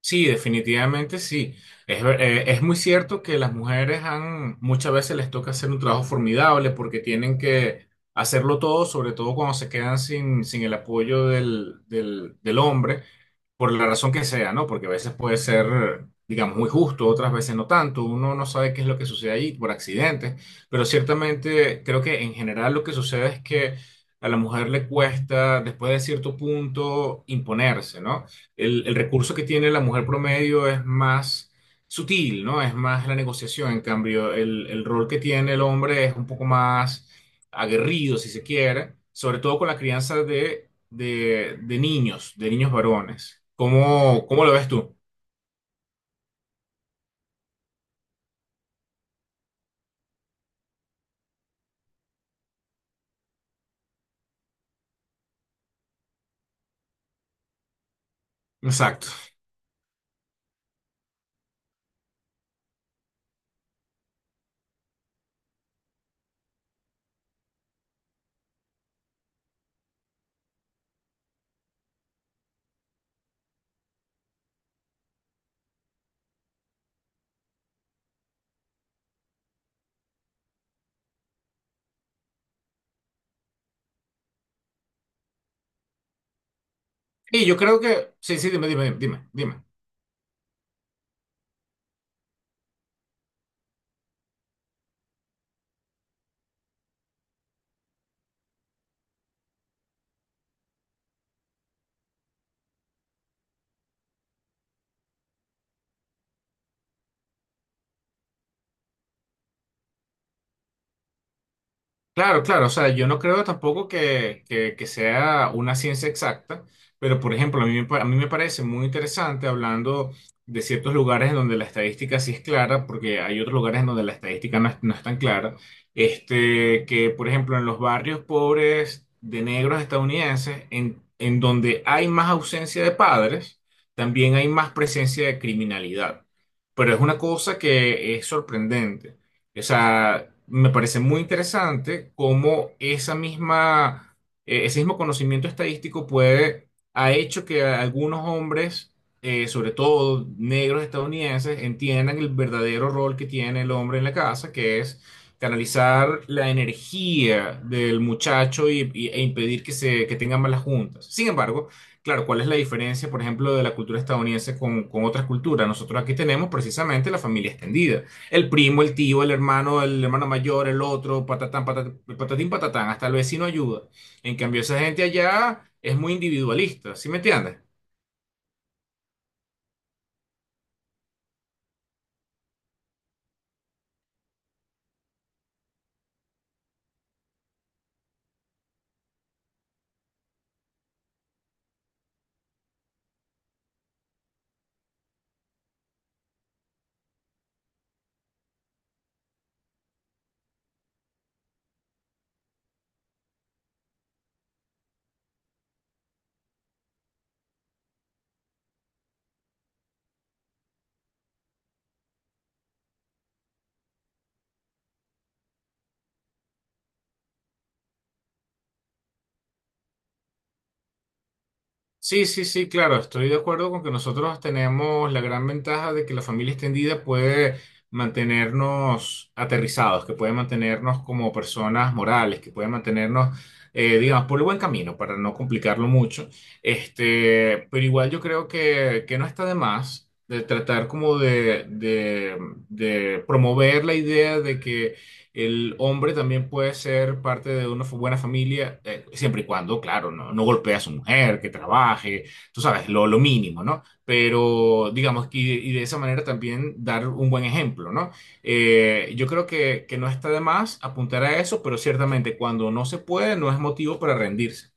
Sí, definitivamente sí. Es, es muy cierto que las mujeres han, muchas veces les toca hacer un trabajo formidable porque tienen que hacerlo todo, sobre todo cuando se quedan sin el apoyo del hombre, por la razón que sea, ¿no? Porque a veces puede ser, digamos, muy justo, otras veces no tanto. Uno no sabe qué es lo que sucede ahí por accidentes, pero ciertamente creo que en general lo que sucede es que a la mujer le cuesta, después de cierto punto, imponerse, ¿no? El recurso que tiene la mujer promedio es más sutil, ¿no? Es más la negociación. En cambio, el rol que tiene el hombre es un poco más aguerrido, si se quiere, sobre todo con la crianza de niños, de niños varones. ¿Cómo, cómo lo ves tú? Exacto. Y yo creo que, sí, sí, dime. Claro, claro, o sea, yo no creo tampoco que, que sea una ciencia exacta, pero por ejemplo, a mí, a mí me parece muy interesante hablando de ciertos lugares en donde la estadística sí es clara, porque hay otros lugares en donde la estadística no es tan clara, este, que por ejemplo en los barrios pobres de negros estadounidenses, en donde hay más ausencia de padres, también hay más presencia de criminalidad, pero es una cosa que es sorprendente. O sea, me parece muy interesante cómo esa misma, ese mismo conocimiento estadístico puede, ha hecho que algunos hombres, sobre todo negros estadounidenses, entiendan el verdadero rol que tiene el hombre en la casa, que es canalizar la energía del muchacho y, e impedir que, que tengan malas juntas. Sin embargo, claro, ¿cuál es la diferencia, por ejemplo, de la cultura estadounidense con otras culturas? Nosotros aquí tenemos precisamente la familia extendida, el primo, el tío, el hermano mayor, el otro, patatán, patatán, patatín, patatán, hasta el vecino ayuda. En cambio, esa gente allá es muy individualista, ¿sí me entiendes? Sí, sí, sí, claro, estoy de acuerdo con que nosotros tenemos la gran ventaja de que la familia extendida puede mantenernos aterrizados, que puede mantenernos como personas morales, que puede mantenernos, digamos, por el buen camino, para no complicarlo mucho. Este, pero igual yo creo que no está de más de tratar como de promover la idea de que el hombre también puede ser parte de una buena familia, siempre y cuando, claro, no golpee a su mujer, que trabaje, tú sabes, lo mínimo, ¿no? Pero digamos, y, de esa manera también dar un buen ejemplo, ¿no? Yo creo que no está de más apuntar a eso, pero ciertamente cuando no se puede, no es motivo para rendirse.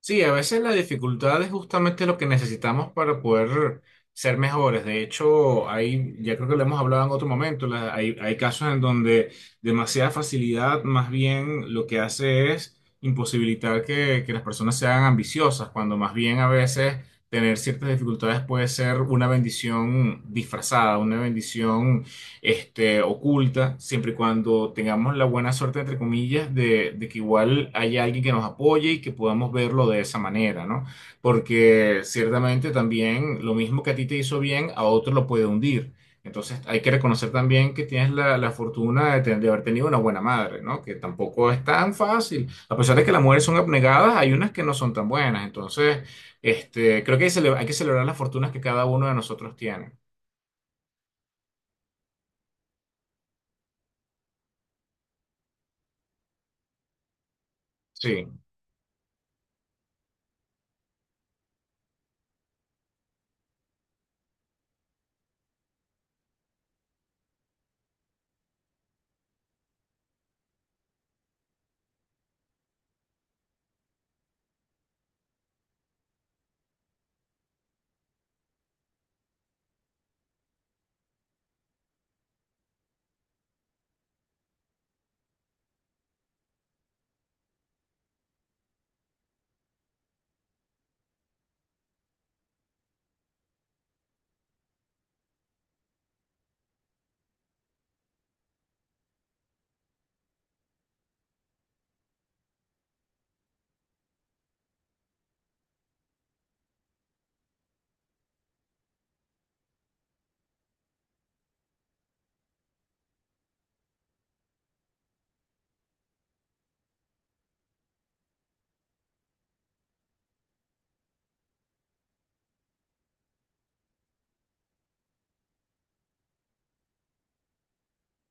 Sí, a veces la dificultad es justamente lo que necesitamos para poder ser mejores. De hecho, hay, ya creo que lo hemos hablado en otro momento, hay, hay casos en donde demasiada facilidad más bien lo que hace es imposibilitar que las personas sean ambiciosas, cuando más bien a veces tener ciertas dificultades puede ser una bendición disfrazada, una bendición este, oculta, siempre y cuando tengamos la buena suerte, entre comillas, de que igual haya alguien que nos apoye y que podamos verlo de esa manera, ¿no? Porque ciertamente también lo mismo que a ti te hizo bien, a otro lo puede hundir. Entonces hay que reconocer también que tienes la fortuna de, de haber tenido una buena madre, ¿no? Que tampoco es tan fácil. A pesar de que las mujeres son abnegadas, hay unas que no son tan buenas. Entonces, este, creo que hay, hay que celebrar las fortunas que cada uno de nosotros tiene. Sí.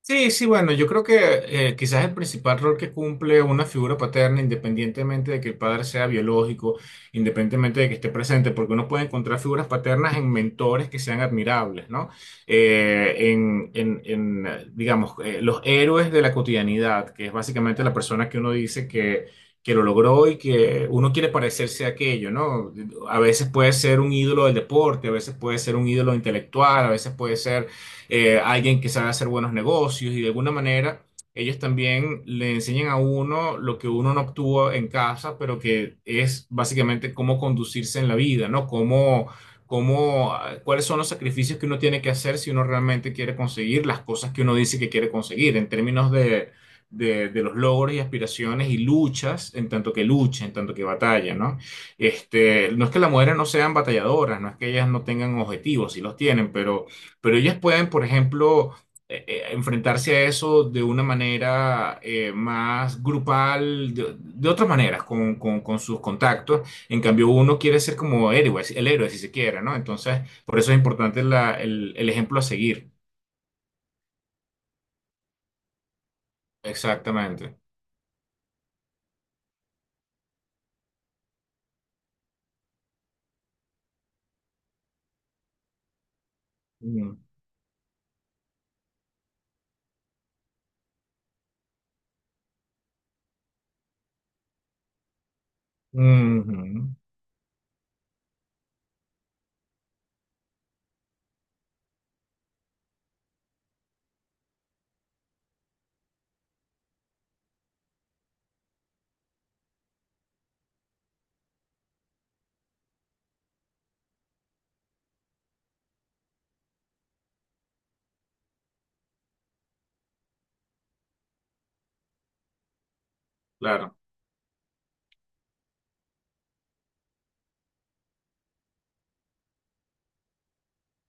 Sí, sí, bueno, yo creo que quizás el principal rol que cumple una figura paterna, independientemente de que el padre sea biológico, independientemente de que esté presente, porque uno puede encontrar figuras paternas en mentores que sean admirables, ¿no? Digamos, los héroes de la cotidianidad, que es básicamente la persona que uno dice que lo logró y que uno quiere parecerse a aquello, ¿no? A veces puede ser un ídolo del deporte, a veces puede ser un ídolo intelectual, a veces puede ser alguien que sabe hacer buenos negocios y de alguna manera ellos también le enseñan a uno lo que uno no obtuvo en casa, pero que es básicamente cómo conducirse en la vida, ¿no? Cómo, cómo, ah, cuáles son los sacrificios que uno tiene que hacer si uno realmente quiere conseguir las cosas que uno dice que quiere conseguir en términos de... De los logros y aspiraciones y luchas, en tanto que lucha, en tanto que batalla, ¿no? Este, no es que las mujeres no sean batalladoras, no es que ellas no tengan objetivos, sí los tienen, pero ellas pueden, por ejemplo, enfrentarse a eso de una manera más grupal, de otras maneras, con, con sus contactos. En cambio, uno quiere ser como héroe, el héroe, si se quiere, ¿no? Entonces, por eso es importante el ejemplo a seguir. Exactamente. Mm. Ujú. Claro.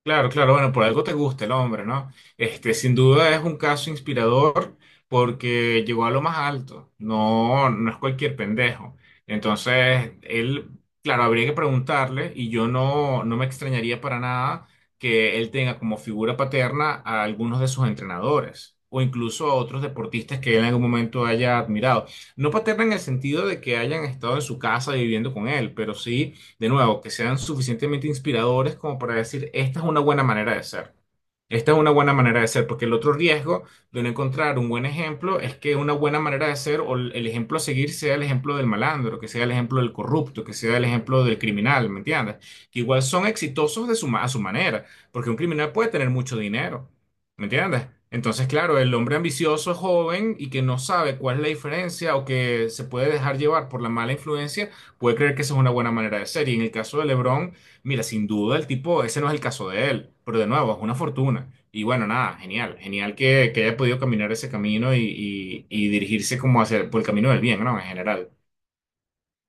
Claro, claro, bueno, por algo te gusta el hombre, ¿no? Este, sin duda es un caso inspirador porque llegó a lo más alto, no, no es cualquier pendejo. Entonces, él, claro, habría que preguntarle y yo no, no me extrañaría para nada que él tenga como figura paterna a algunos de sus entrenadores o incluso a otros deportistas que él en algún momento haya admirado. No paterna en el sentido de que hayan estado en su casa viviendo con él, pero sí de nuevo, que sean suficientemente inspiradores como para decir, esta es una buena manera de ser. Esta es una buena manera de ser, porque el otro riesgo de no encontrar un buen ejemplo es que una buena manera de ser o el ejemplo a seguir sea el ejemplo del malandro, que sea el ejemplo del corrupto, que sea el ejemplo del criminal, ¿me entiendes? Que igual son exitosos de su, a su manera, porque un criminal puede tener mucho dinero, ¿me entiendes? Entonces, claro, el hombre ambicioso, joven y que no sabe cuál es la diferencia o que se puede dejar llevar por la mala influencia puede creer que esa es una buena manera de ser. Y en el caso de LeBron, mira, sin duda el tipo, ese no es el caso de él, pero de nuevo, es una fortuna. Y bueno, nada, genial, genial que haya podido caminar ese camino y, y dirigirse como hacia, por el camino del bien, ¿no? En general.